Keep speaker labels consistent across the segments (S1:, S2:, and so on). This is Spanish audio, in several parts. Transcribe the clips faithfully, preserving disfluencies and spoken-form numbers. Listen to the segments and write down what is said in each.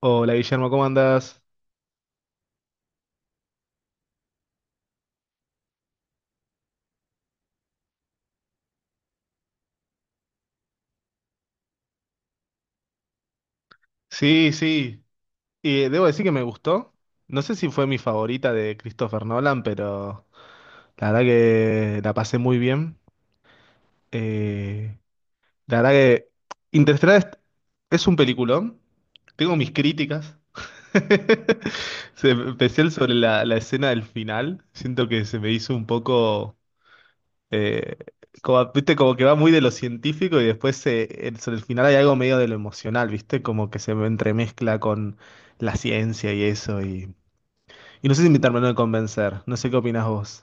S1: Hola Guillermo, ¿cómo andas? Sí, sí. Y eh, debo decir que me gustó. No sé si fue mi favorita de Christopher Nolan, pero la verdad que la pasé muy bien. Eh, la verdad que Interstellar es, es un peliculón. Tengo mis críticas. Se- Especial sobre la, la escena del final. Siento que se me hizo un poco. Eh, como, viste, como que va muy de lo científico y después eh, el- sobre el final hay algo medio de lo emocional, viste, como que se me entremezcla con la ciencia y eso. Y, y no sé si me terminó de convencer, no sé qué opinás vos.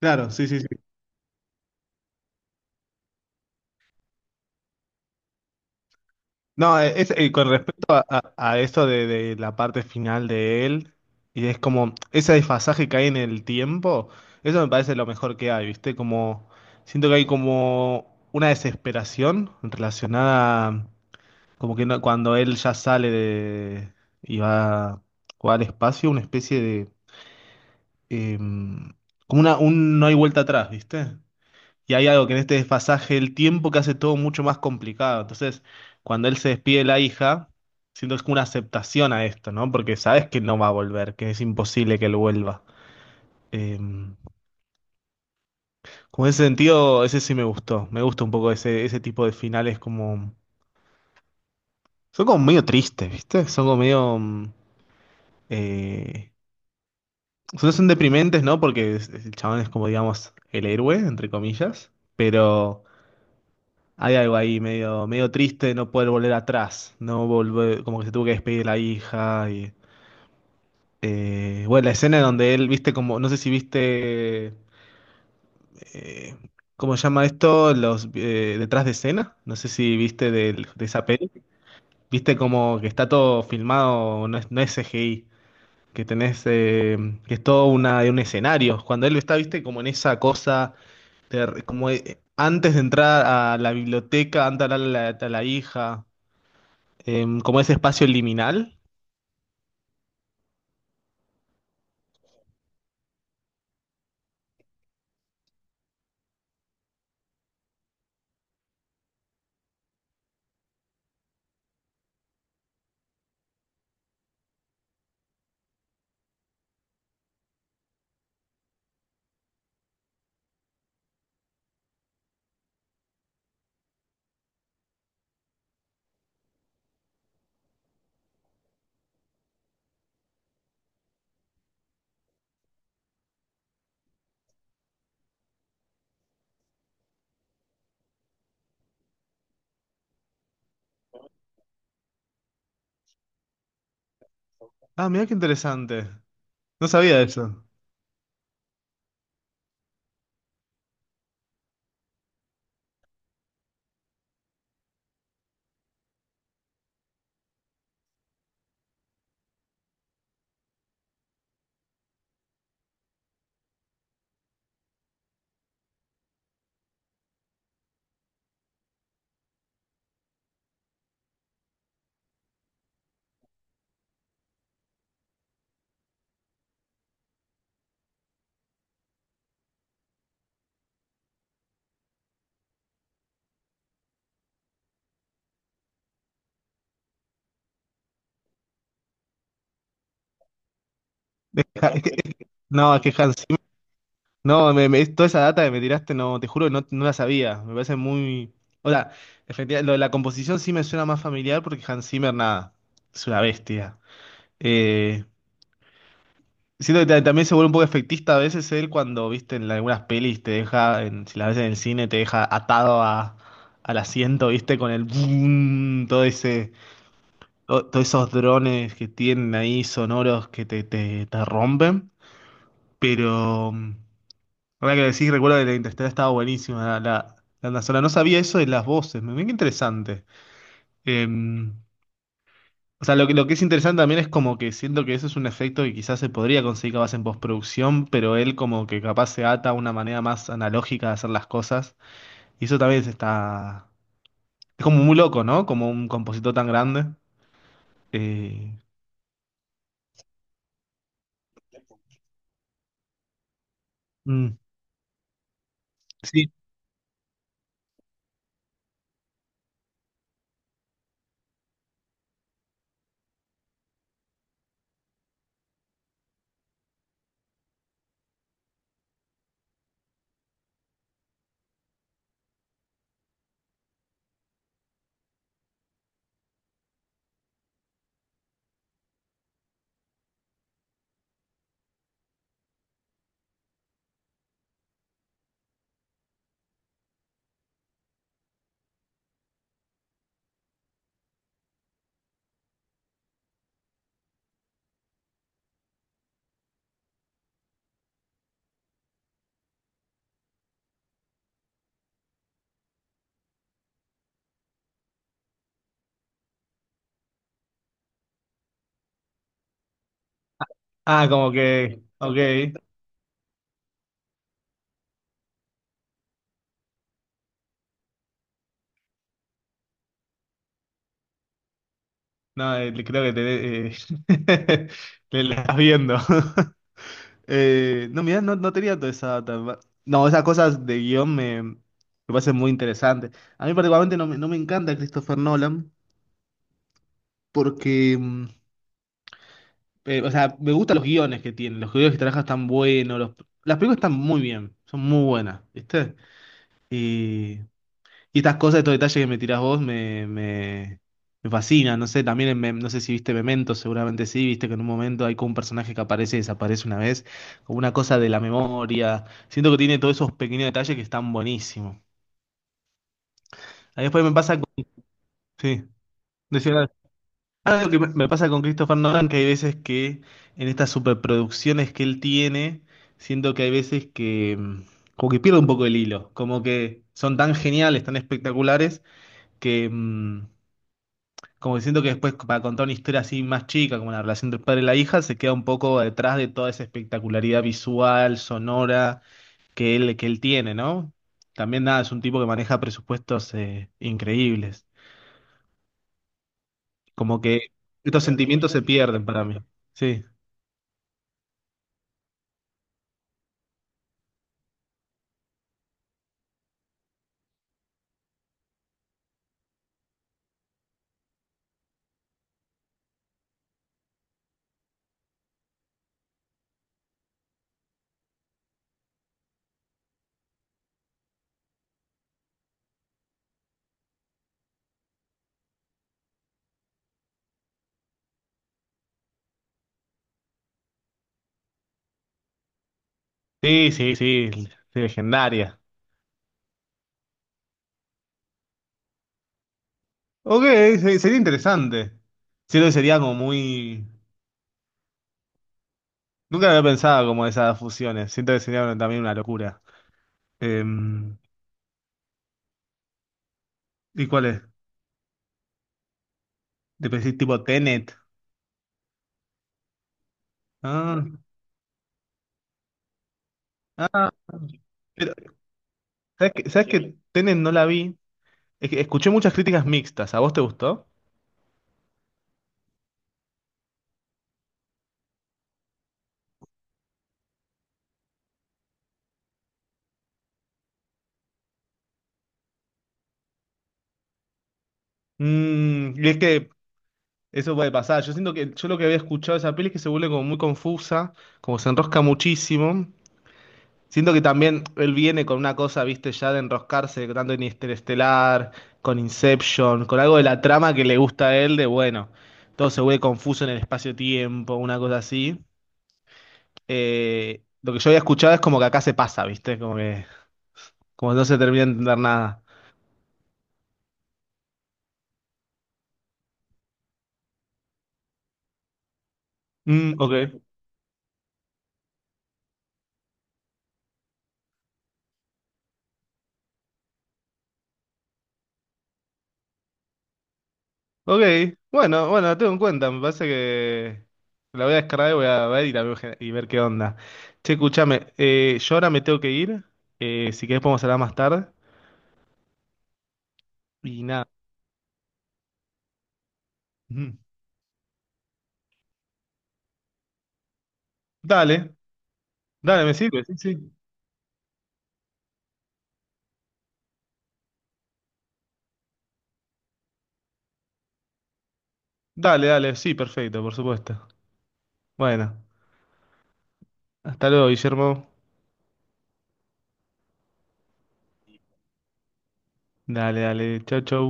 S1: Claro, sí, sí, sí. No, eh, es, eh, con respecto a, a, a esto de, de la parte final de él, y es como ese desfasaje que hay en el tiempo, eso me parece lo mejor que hay, viste, como siento que hay como una desesperación relacionada. Como que no- Cuando él ya sale de y va, va al espacio, una especie de em, como una, un no hay vuelta atrás, ¿viste? Y hay algo que en este desfasaje del tiempo que hace todo mucho más complicado. Entonces, cuando él se despide de la hija, siento que es como una aceptación a esto, ¿no? Porque sabes que no va a volver, que es imposible que él vuelva. Em, como en ese sentido, ese sí me gustó. Me gusta un poco ese, ese tipo de finales como... Son como medio tristes, ¿viste? Son como medio... mm, eh, o sea, son deprimentes, ¿no? Porque es- es- el chabón es como, digamos, el héroe, entre comillas, pero hay algo ahí medio, medio triste de no poder volver atrás, no volver, como que se tuvo que despedir de la hija y... eh, bueno, la escena donde él, viste, como, no sé si viste, eh, ¿cómo se llama esto? Los eh, detrás de escena, no sé si viste del- de esa peli, viste como que está todo filmado, no es, no es C G I, que tenés, eh, que es todo una, un escenario, cuando él está, viste, como en esa cosa Ter- como eh, antes de entrar a la biblioteca, antes de hablarle a la, a la hija, em, como ese espacio liminal. Ah, mira qué interesante. No sabía eso. No, es que Hans Zimmer- No, me- me- toda esa data que me tiraste, no, te juro que no, no la sabía. Me parece muy. O sea, efectivamente, lo de la composición sí me suena más familiar porque Hans Zimmer, nada, es una bestia. Eh, Siento que ta- también se vuelve un poco efectista a veces él cuando, viste, en algunas pelis te deja, en- si las ves en el cine, te deja atado a, al asiento, viste, con el boom, todo ese, to- todos esos drones que tienen ahí sonoros que te, te, te rompen. Pero, mm, ahora que lo decís, recuerdo que la Interstellar estaba buenísima, la, la, la banda sonora. No sabía eso de las voces, me mira qué interesante. Em, O sea, lo que, lo que es interesante también es como que siento que eso es un efecto que quizás se podría conseguir capaz en postproducción, pero él como que capaz se ata a una manera más analógica de hacer las cosas. Y eso también se está... Es como muy loco, ¿no? Como un compositor tan grande. Eh, mm, sí. Ah, como que... Ok. No, eh, creo que te... eh, te la estás viendo. Eh, no, mira, no, no tenía toda esa... tan. No, esas cosas de guión me, me parecen muy interesantes. A mí particularmente no me, no me encanta Christopher Nolan porque, mm, eh, o sea, me gustan los guiones que tiene, los guiones que trabaja están buenos, los- las películas están muy bien, son muy buenas, ¿viste? Y estas cosas, estos detalles que me tirás vos me, me, me fascinan. No sé, también en Mem- no sé si viste Memento, seguramente sí, viste que en un momento hay como un personaje que aparece y desaparece una vez, como una cosa de la memoria. Siento que tiene todos esos pequeños detalles que están buenísimos. Ahí después me pasa con... Sí, decía algo que me me pasa con Christopher Nolan, que hay veces que en estas superproducciones que él tiene, siento que hay veces que mm, como que pierde un poco el hilo, como que son tan geniales, tan espectaculares, que... mm, como diciendo que después para contar una historia así más chica, como la relación del padre y la hija, se queda un poco detrás de toda esa espectacularidad visual, sonora que él, que él tiene, ¿no? También nada, es un tipo que maneja presupuestos eh, increíbles. Como que estos sentimientos se pierden para mí. Sí, sí, sí, sí, sí, legendaria. Ok, se- sería interesante. Siento que sería como muy... Nunca había pensado como esas fusiones. Siento que sería una- también una locura. Em, ¿y cuál es? ¿Te pensás tipo Tenet? Ah, ah, pero, ¿sabes que, sabes que Tenet no la vi? Es que escuché muchas críticas mixtas. ¿A vos te gustó? Mm, y es que eso puede pasar. Yo siento que yo lo que había escuchado de esa peli es que se vuelve como muy confusa, como se enrosca muchísimo. Siento que también él viene con una cosa, viste, ya de enroscarse, tanto en Interestelar, con Inception, con algo de la trama que le gusta a él, de bueno, todo se vuelve confuso en el espacio-tiempo, una cosa así. Eh, lo que yo había escuchado es como que acá se pasa, viste, como que. Como no se termina de entender nada. Mm, ok. Ok. Bueno, bueno, la tengo en cuenta. Me parece que la voy a descargar y voy a ver y la veo gen- y ver qué onda. Che, escúchame. eh, yo ahora me tengo que ir. Eh, si querés podemos hablar más tarde. Y nada. Ujú. Dale, dale, me sirve. Sí, sí. Dale, dale. Sí, perfecto, por supuesto. Bueno. Hasta luego, Guillermo. Dale, dale. Chau, chau.